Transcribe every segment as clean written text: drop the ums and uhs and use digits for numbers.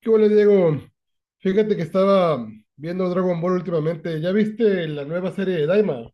¿Qué Hola, Diego? Fíjate que estaba viendo Dragon Ball últimamente. ¿Ya viste la nueva serie de Daima?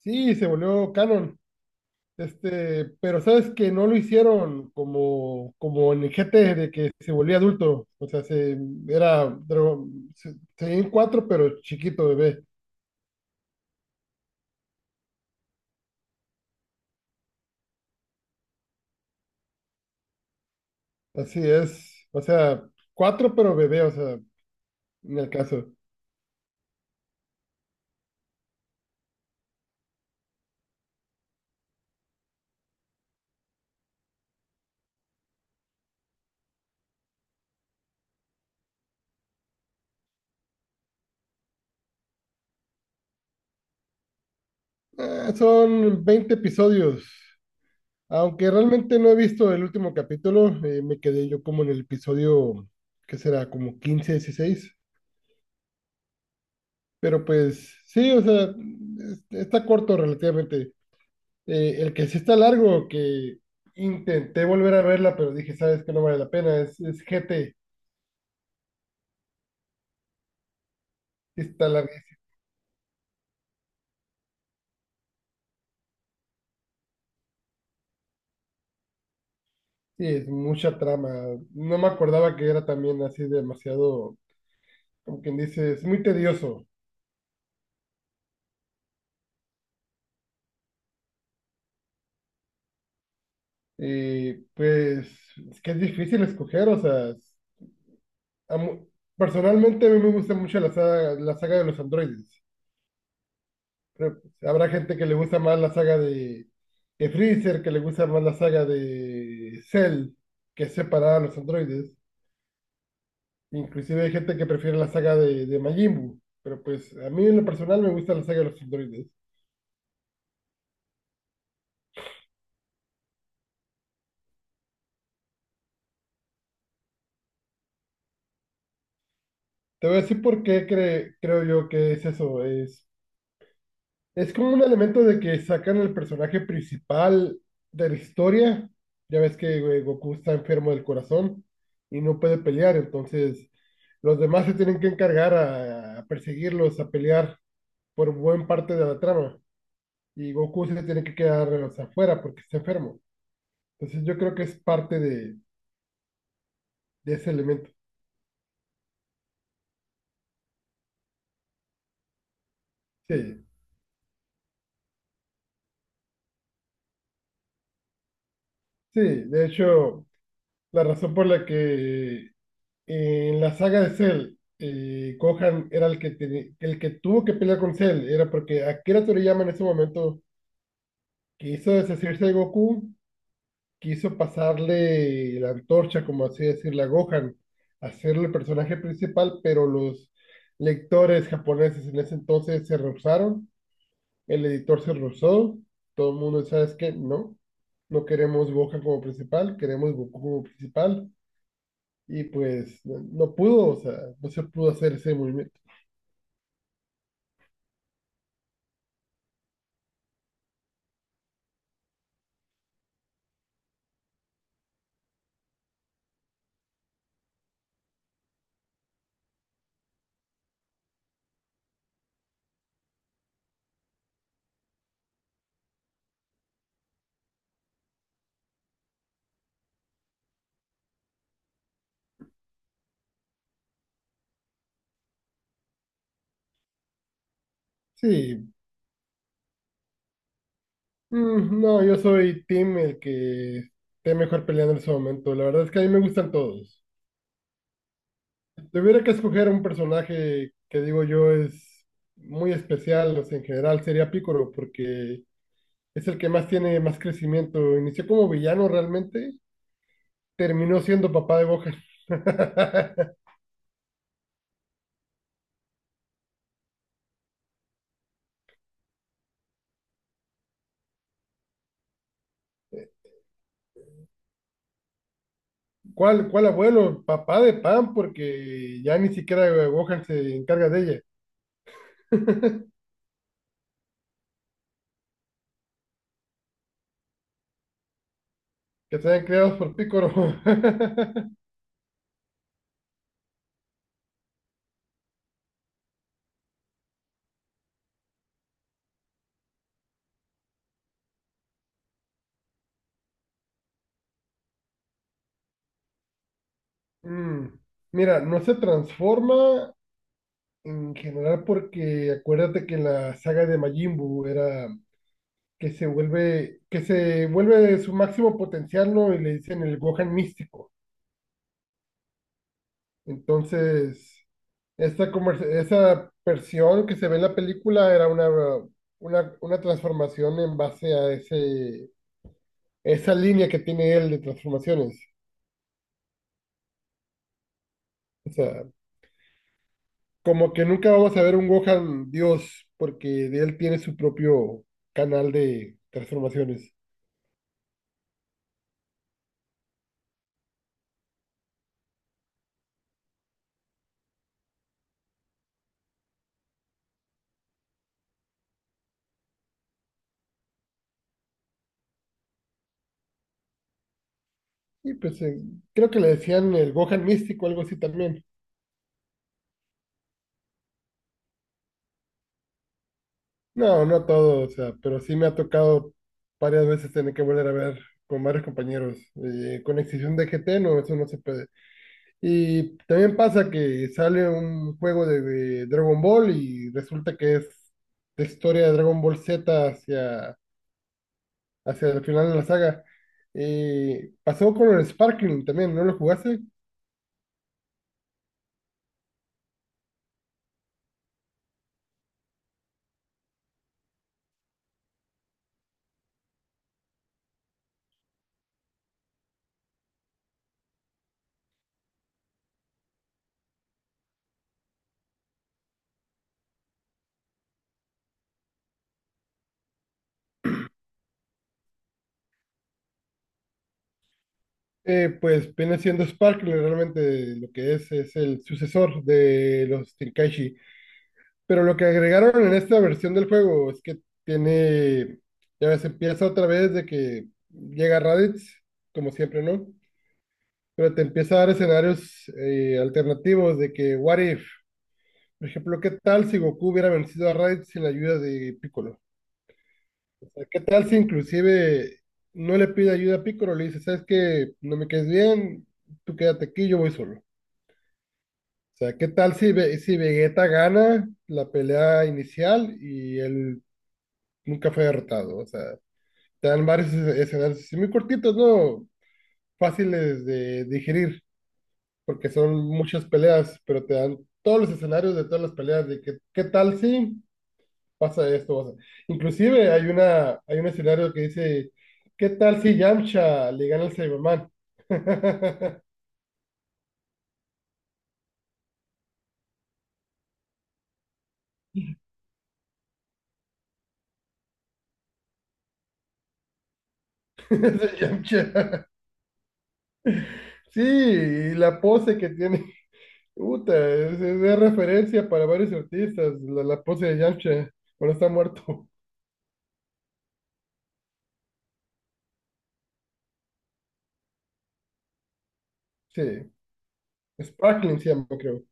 Sí, se volvió canon. Este, pero sabes que no lo hicieron como en el GT de que se volvía adulto. O sea, se, era Dragon, se, seguía en cuatro, pero chiquito bebé. Así es. O sea, cuatro, pero bebé, o sea, en el caso. Son 20 episodios. Aunque realmente no he visto el último capítulo, me quedé yo como en el episodio, ¿que será? Como 15, 16. Pero pues sí, o sea, está corto relativamente. El que sí está largo, que intenté volver a verla, pero dije, sabes que no vale la pena, es GT, sí está larguísimo. Sí, es mucha trama. No me acordaba que era también así demasiado, como quien dice, es muy tedioso. Y pues es que es difícil escoger, o sea. A mu- Personalmente a mí me gusta mucho la saga de los androides. Pero habrá gente que le gusta más la saga de Freezer, que le gusta más la saga de Cell, que es separada a los androides. Inclusive hay gente que prefiere la saga de Majin Buu. Pero pues a mí en lo personal me gusta la saga de los androides. Te voy a decir por qué creo yo que es eso. Es como un elemento de que sacan el personaje principal de la historia. Ya ves que güey, Goku está enfermo del corazón y no puede pelear, entonces los demás se tienen que encargar a perseguirlos, a pelear por buen parte de la trama. Y Goku se tiene que quedar o sea, afuera porque está enfermo. Entonces yo creo que es parte de ese elemento. Sí, sí, de hecho, la razón por la que en la saga de Cell, Gohan era el que tuvo que pelear con Cell, era porque Akira Toriyama en ese momento quiso deshacerse de Goku, quiso pasarle la antorcha, como así decirle, a Gohan, hacerle el personaje principal, pero los lectores japoneses en ese entonces se rehusaron, el editor se rehusó, todo el mundo, ¿sabes qué? No, no queremos Gohan como principal, queremos Goku como principal. Y pues no, no pudo, o sea, no se pudo hacer ese movimiento. Sí, no, yo soy team el que esté mejor peleando en ese momento. La verdad es que a mí me gustan todos. Si tuviera que escoger un personaje que digo yo es muy especial, o sea, en general sería Piccolo, porque es el que más tiene más crecimiento. Inició como villano realmente, terminó siendo papá de Gohan. ¿Cuál abuelo? Papá de Pan, porque ya ni siquiera Gohan se encarga de ella. Que se hayan creados por Piccolo. Mm, Mira, no se transforma en general porque acuérdate que en la saga de Majin Buu era que se vuelve su máximo potencial, ¿no? Y le dicen el Gohan místico. Entonces, esa versión que se ve en la película era una transformación en base a esa línea que tiene él de transformaciones. O sea, como que nunca vamos a ver un Gohan Dios, porque de él tiene su propio canal de transformaciones. Y pues creo que le decían el Gohan místico, algo así también. No, no todo, o sea, pero sí me ha tocado varias veces tener que volver a ver con varios compañeros. Con excepción de GT, no, eso no se puede. Y también pasa que sale un juego de Dragon Ball y resulta que es de historia de Dragon Ball Z hacia el final de la saga. Pasó con el Sparkling también, ¿no lo jugaste? Pues viene siendo Sparkling realmente lo que es el sucesor de los Tenkaichi. Pero lo que agregaron en esta versión del juego es que tiene, ya ves, empieza otra vez de que llega Raditz, como siempre, ¿no? Pero te empieza a dar escenarios alternativos de que, what if, por ejemplo, ¿qué tal si Goku hubiera vencido a Raditz sin la ayuda de Piccolo? O sea, ¿qué tal si inclusive no le pide ayuda a Piccolo? Le dice, ¿sabes qué? No me quedes bien, tú quédate aquí, yo voy solo. O sea, ¿qué tal si Vegeta gana la pelea inicial y él nunca fue derrotado? O sea, te dan varios escenarios así muy cortitos, ¿no? Fáciles de digerir, porque son muchas peleas, pero te dan todos los escenarios de todas las peleas, de que, ¿qué tal si? Pasa esto. Inclusive hay una, hay un escenario que dice, ¿qué tal si Yamcha le gana al Cyberman? Ese Yamcha. Sí, y la pose que tiene, puta, es de referencia para varios artistas, la pose de Yamcha cuando está muerto. Sí, Sparkling se llama, creo.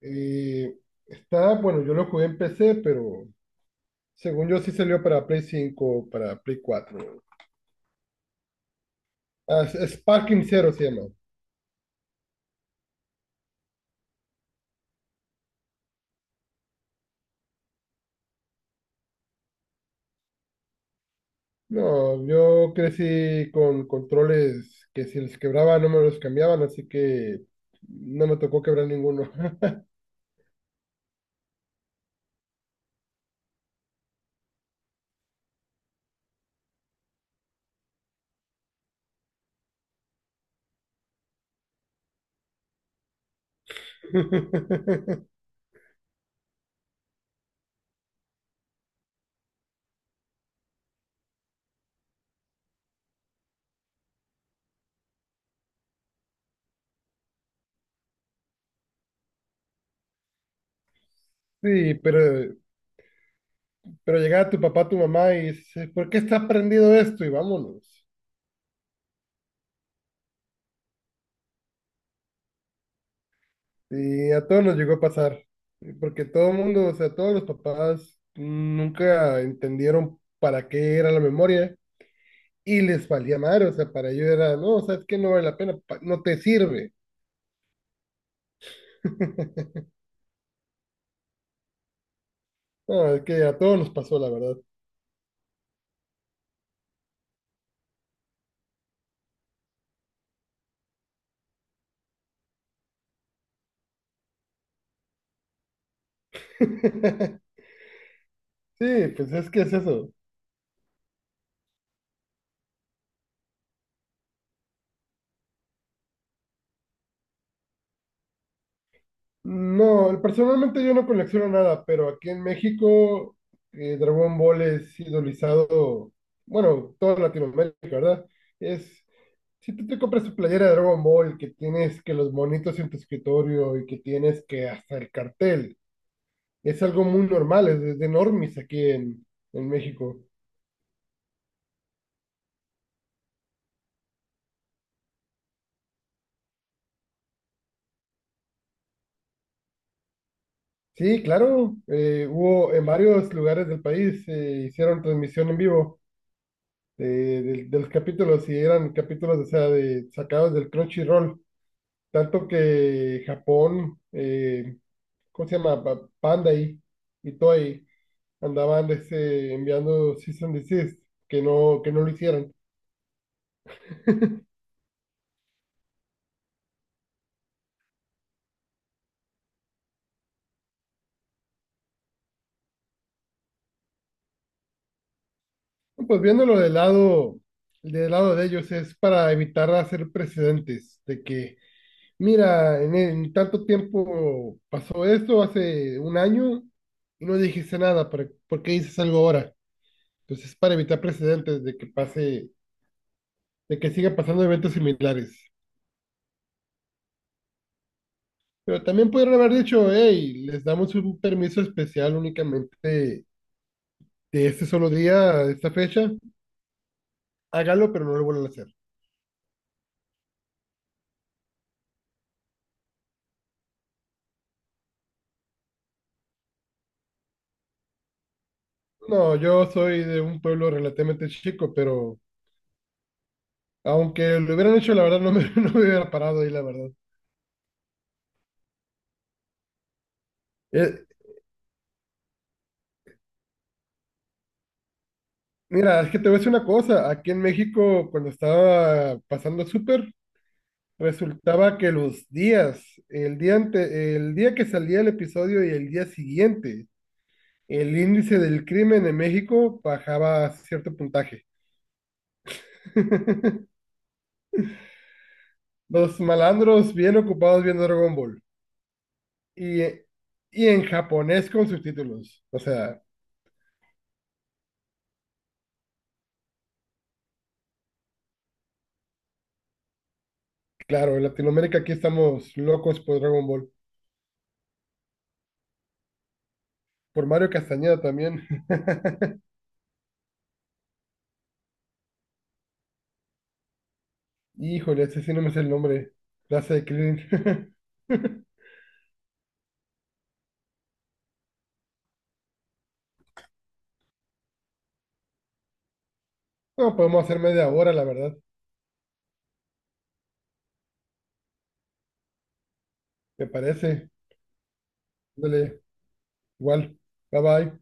Y está, bueno, yo lo jugué en PC, pero según yo sí salió para Play 5, para Play 4. Ah, Sparkling Zero se llama. No, yo crecí con controles que si les quebraba no me los cambiaban, así que no me tocó quebrar ninguno. Sí, pero llegaba tu papá, tu mamá y dice, ¿por qué está prendido esto? Y vámonos. Y a todos nos llegó a pasar, porque todo el mundo, o sea, todos los papás nunca entendieron para qué era la memoria y les valía madre, o sea, para ellos era, no, o sea, es que no vale la pena, no te sirve. No, es que a todos nos pasó, la verdad. Sí, pues es que es eso. No, personalmente yo no colecciono nada, pero aquí en México Dragon Ball es idolizado, bueno, toda Latinoamérica, ¿verdad? Es, si tú te compras tu playera de Dragon Ball, que tienes que los monitos en tu escritorio y que tienes que hasta el cartel, es algo muy normal, es de normis aquí en México. Sí, claro, hubo en varios lugares del país, hicieron transmisión en vivo de los capítulos y eran capítulos, o sea, sacados del Crunchyroll. Tanto que Japón, ¿cómo se llama? Bandai y Toei andaban este, enviando season and desist, que no, lo hicieran. Pues viéndolo del lado de ellos es para evitar hacer precedentes de que, mira, en tanto tiempo pasó esto hace un año y no dijiste nada, por qué dices algo ahora? Entonces es para evitar precedentes de que pase, de que siga pasando eventos similares. Pero también pudieron haber dicho, hey, les damos un permiso especial únicamente de este solo día, de esta fecha, hágalo, pero no lo vuelvan a hacer. No, yo soy de un pueblo relativamente chico, pero aunque lo hubieran hecho, la verdad no me, no me hubiera parado ahí, la verdad. Eh, Mira, es que te voy a decir una cosa, aquí en México, cuando estaba pasando el súper, resultaba que los días, el día que salía el episodio y el día siguiente, el índice del crimen en México bajaba a cierto puntaje. Los malandros bien ocupados viendo Dragon Ball y, y en japonés con subtítulos. O sea, claro, en Latinoamérica aquí estamos locos por Dragon Ball, por Mario Castañeda también. Híjole, ese sí no me sé el nombre. Clase de Krillin. No, podemos hacer media hora, la verdad, me parece. Ándale, igual. Bye bye.